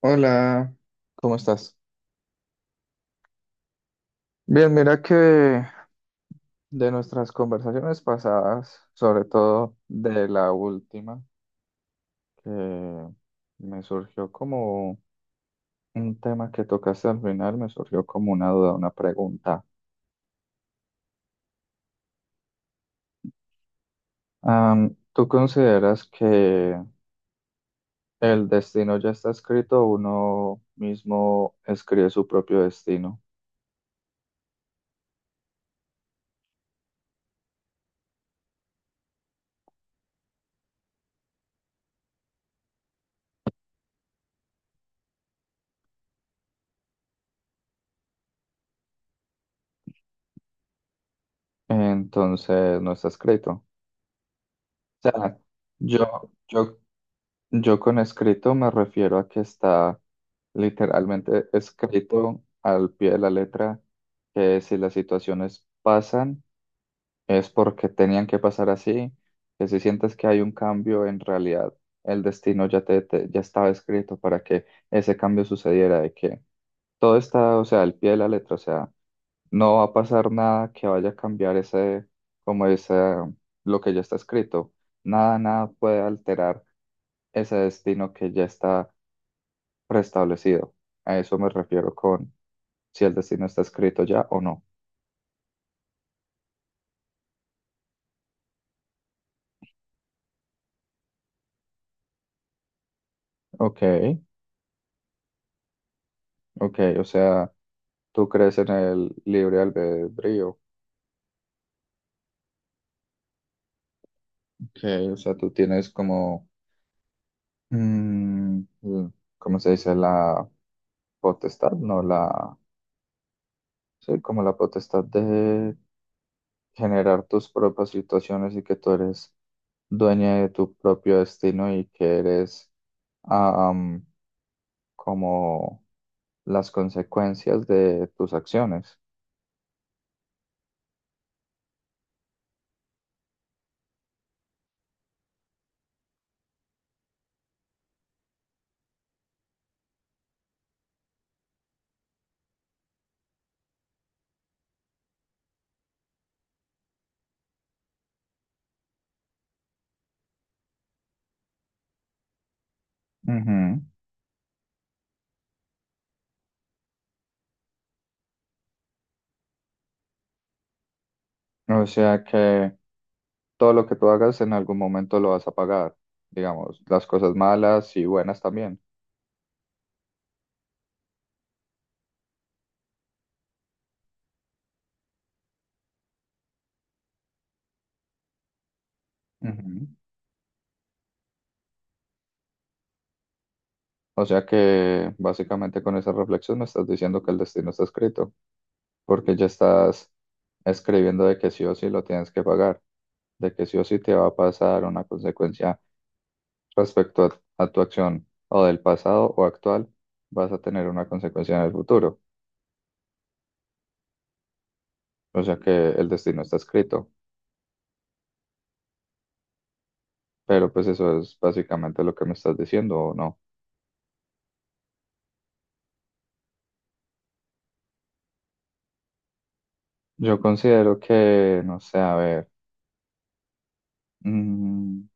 Hola. ¿Cómo estás? Bien, mira que de nuestras conversaciones pasadas, sobre todo de la última, que me surgió como un tema que tocaste al final, me surgió como una duda, una pregunta. ¿Tú consideras que el destino ya está escrito o uno mismo escribe su propio destino? Entonces, no está escrito. O sea, yo, yo Yo con escrito me refiero a que está literalmente escrito al pie de la letra, que si las situaciones pasan es porque tenían que pasar así, que si sientes que hay un cambio, en realidad el destino ya, ya estaba escrito para que ese cambio sucediera, todo está, o sea, al pie de la letra, o sea, no va a pasar nada que vaya a cambiar ese, como ese, lo que ya está escrito. Nada, nada puede alterar ese destino que ya está preestablecido. A eso me refiero con si el destino está escrito ya o no. Ok, ok, o sea, tú crees en el libre albedrío. Ok, o sea, tú tienes como, mm, ¿cómo se dice? La potestad, no la... Sí, como la potestad de generar tus propias situaciones y que tú eres dueña de tu propio destino y que eres am, como las consecuencias de tus acciones. Ujú. O sea que todo lo que tú hagas en algún momento lo vas a pagar, digamos, las cosas malas y buenas también. Ujú. O sea que básicamente con esa reflexión me estás diciendo que el destino está escrito, porque ya estás escribiendo de que sí o sí lo tienes que pagar, de que sí o sí te va a pasar una consecuencia respecto a tu acción o del pasado o actual, vas a tener una consecuencia en el futuro. O sea que el destino está escrito, pero pues eso es básicamente lo que me estás diciendo o no. Yo considero que, no sé, a ver, mm,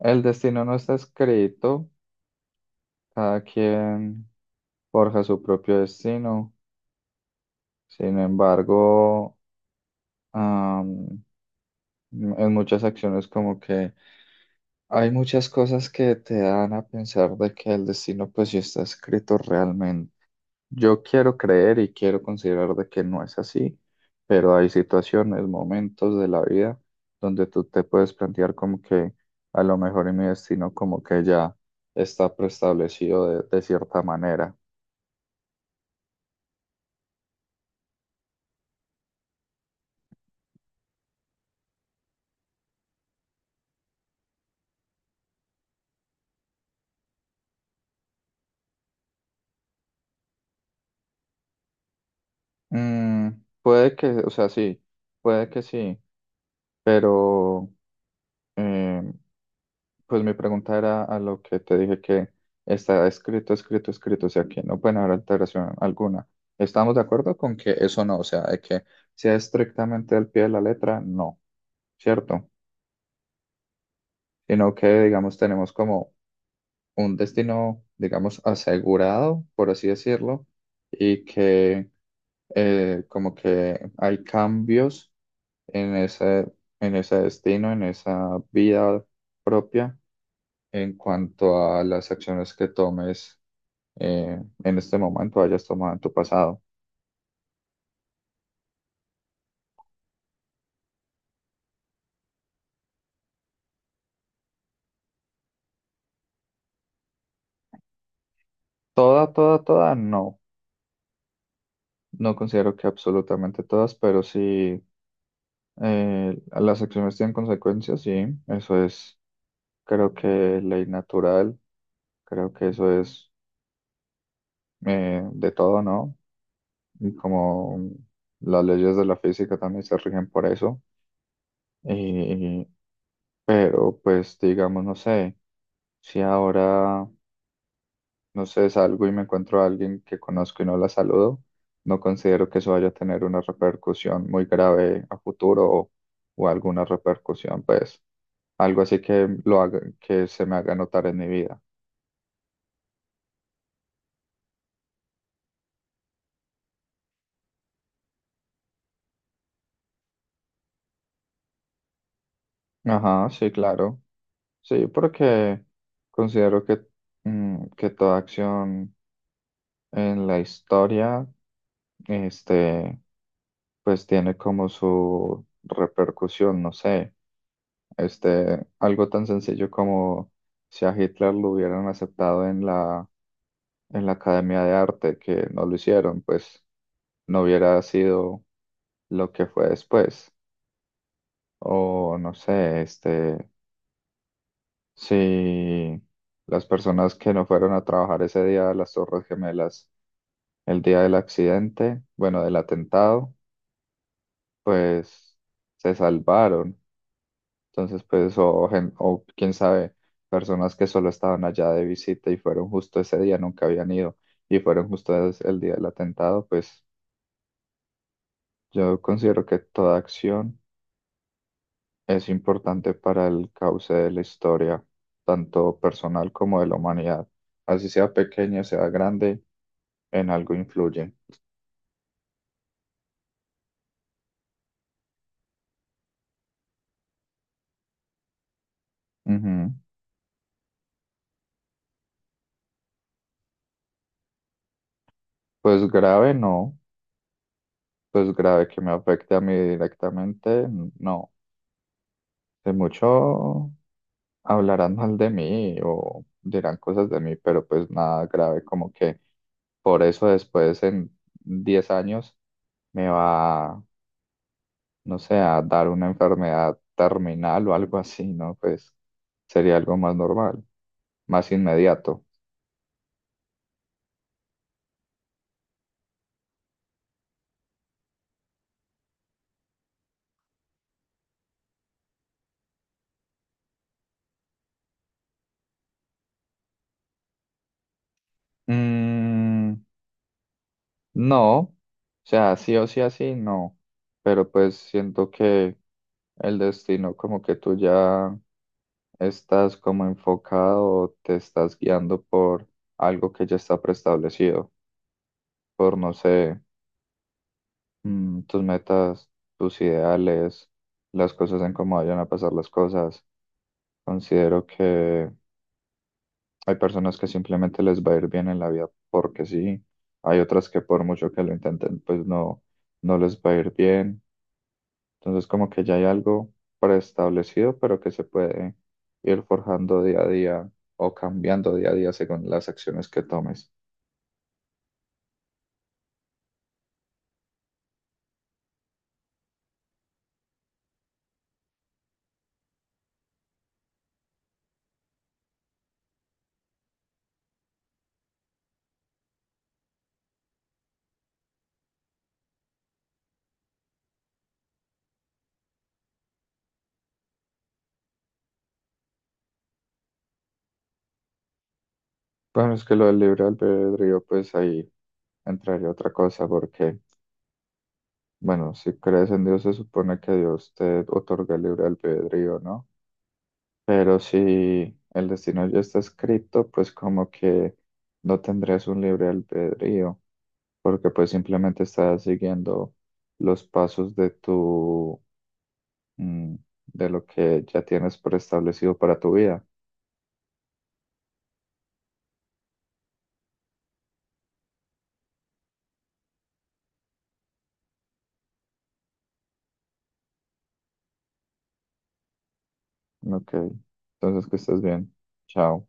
el destino no está escrito, cada quien forja su propio destino, sin embargo... En muchas acciones como que hay muchas cosas que te dan a pensar de que el destino pues sí está escrito realmente. Yo quiero creer y quiero considerar de que no es así, pero hay situaciones, momentos de la vida donde tú te puedes plantear como que a lo mejor en mi destino como que ya está preestablecido de cierta manera. Mm, Puede que, o sea, sí, puede que sí, pero... em, pues mi pregunta era a lo que te dije que está escrito, escrito, escrito, o sea, que no pueden haber alteración alguna. ¿Estamos de acuerdo con que eso no, o sea, de que sea estrictamente al pie de la letra, no, cierto? Sino que, digamos, tenemos como un destino, digamos, asegurado, por así decirlo, y que como que hay cambios en ese, en ese destino, en esa vida propia en cuanto a las acciones que tomes en este momento hayas tomado en tu pasado. Toda, toda, toda, no. No considero que absolutamente todas, pero sí las acciones tienen consecuencias, sí. Eso es, creo que ley natural, creo que eso es de todo, ¿no? Y como las leyes de la física también se rigen por eso. Y, pero pues digamos, no sé, si ahora no sé, salgo y me encuentro a alguien que conozco y no la saludo. No considero que eso vaya a tener una repercusión muy grave a futuro o alguna repercusión, pues algo así que lo haga, que se me haga notar en mi vida. Ajá, sí, claro. Sí, porque considero que, que toda acción en la historia, este, pues tiene como su repercusión, no sé. Este, algo tan sencillo como si a Hitler lo hubieran aceptado en la Academia de Arte, que no lo hicieron, pues no hubiera sido lo que fue después. O no sé, este, si las personas que no fueron a trabajar ese día a las Torres Gemelas, el día del accidente, bueno, del atentado, pues se salvaron. Entonces, pues, o, o quién sabe, personas que solo estaban allá de visita y fueron justo ese día, nunca habían ido, y fueron justo el día del atentado, pues yo considero que toda acción es importante para el cauce de la historia, tanto personal como de la humanidad. Así sea pequeña, sea grande, en algo influye. Ujú. Pues grave no, pues grave que me afecte a mí directamente, no. De mucho. Hablarán mal de mí o dirán cosas de mí, pero pues nada grave, como que por eso después en 10 años me va, no sé, a dar una enfermedad terminal o algo así, ¿no? Pues sería algo más normal, más inmediato. Mm, no, o sea, sí o sí así, no, pero pues siento que el destino como que tú ya. ¿Estás como enfocado o te estás guiando por algo que ya está preestablecido? Por, no sé, tus metas, tus ideales, las cosas en cómo vayan a pasar las cosas. Considero que hay personas que simplemente les va a ir bien en la vida porque sí. Hay otras que por mucho que lo intenten, pues no, no les va a ir bien. Entonces como que ya hay algo preestablecido, pero que se puede ir forjando día a día o cambiando día a día según las acciones que tomes. Bueno, es que lo del libre albedrío, pues ahí entraría otra cosa, porque, bueno, si crees en Dios se supone que Dios te otorga el libre albedrío, ¿no? Pero si el destino ya está escrito, pues como que no tendrías un libre albedrío, porque pues simplemente estás siguiendo los pasos de tu mm, de lo que ya tienes preestablecido para tu vida. Ok, entonces que estés bien. Chao.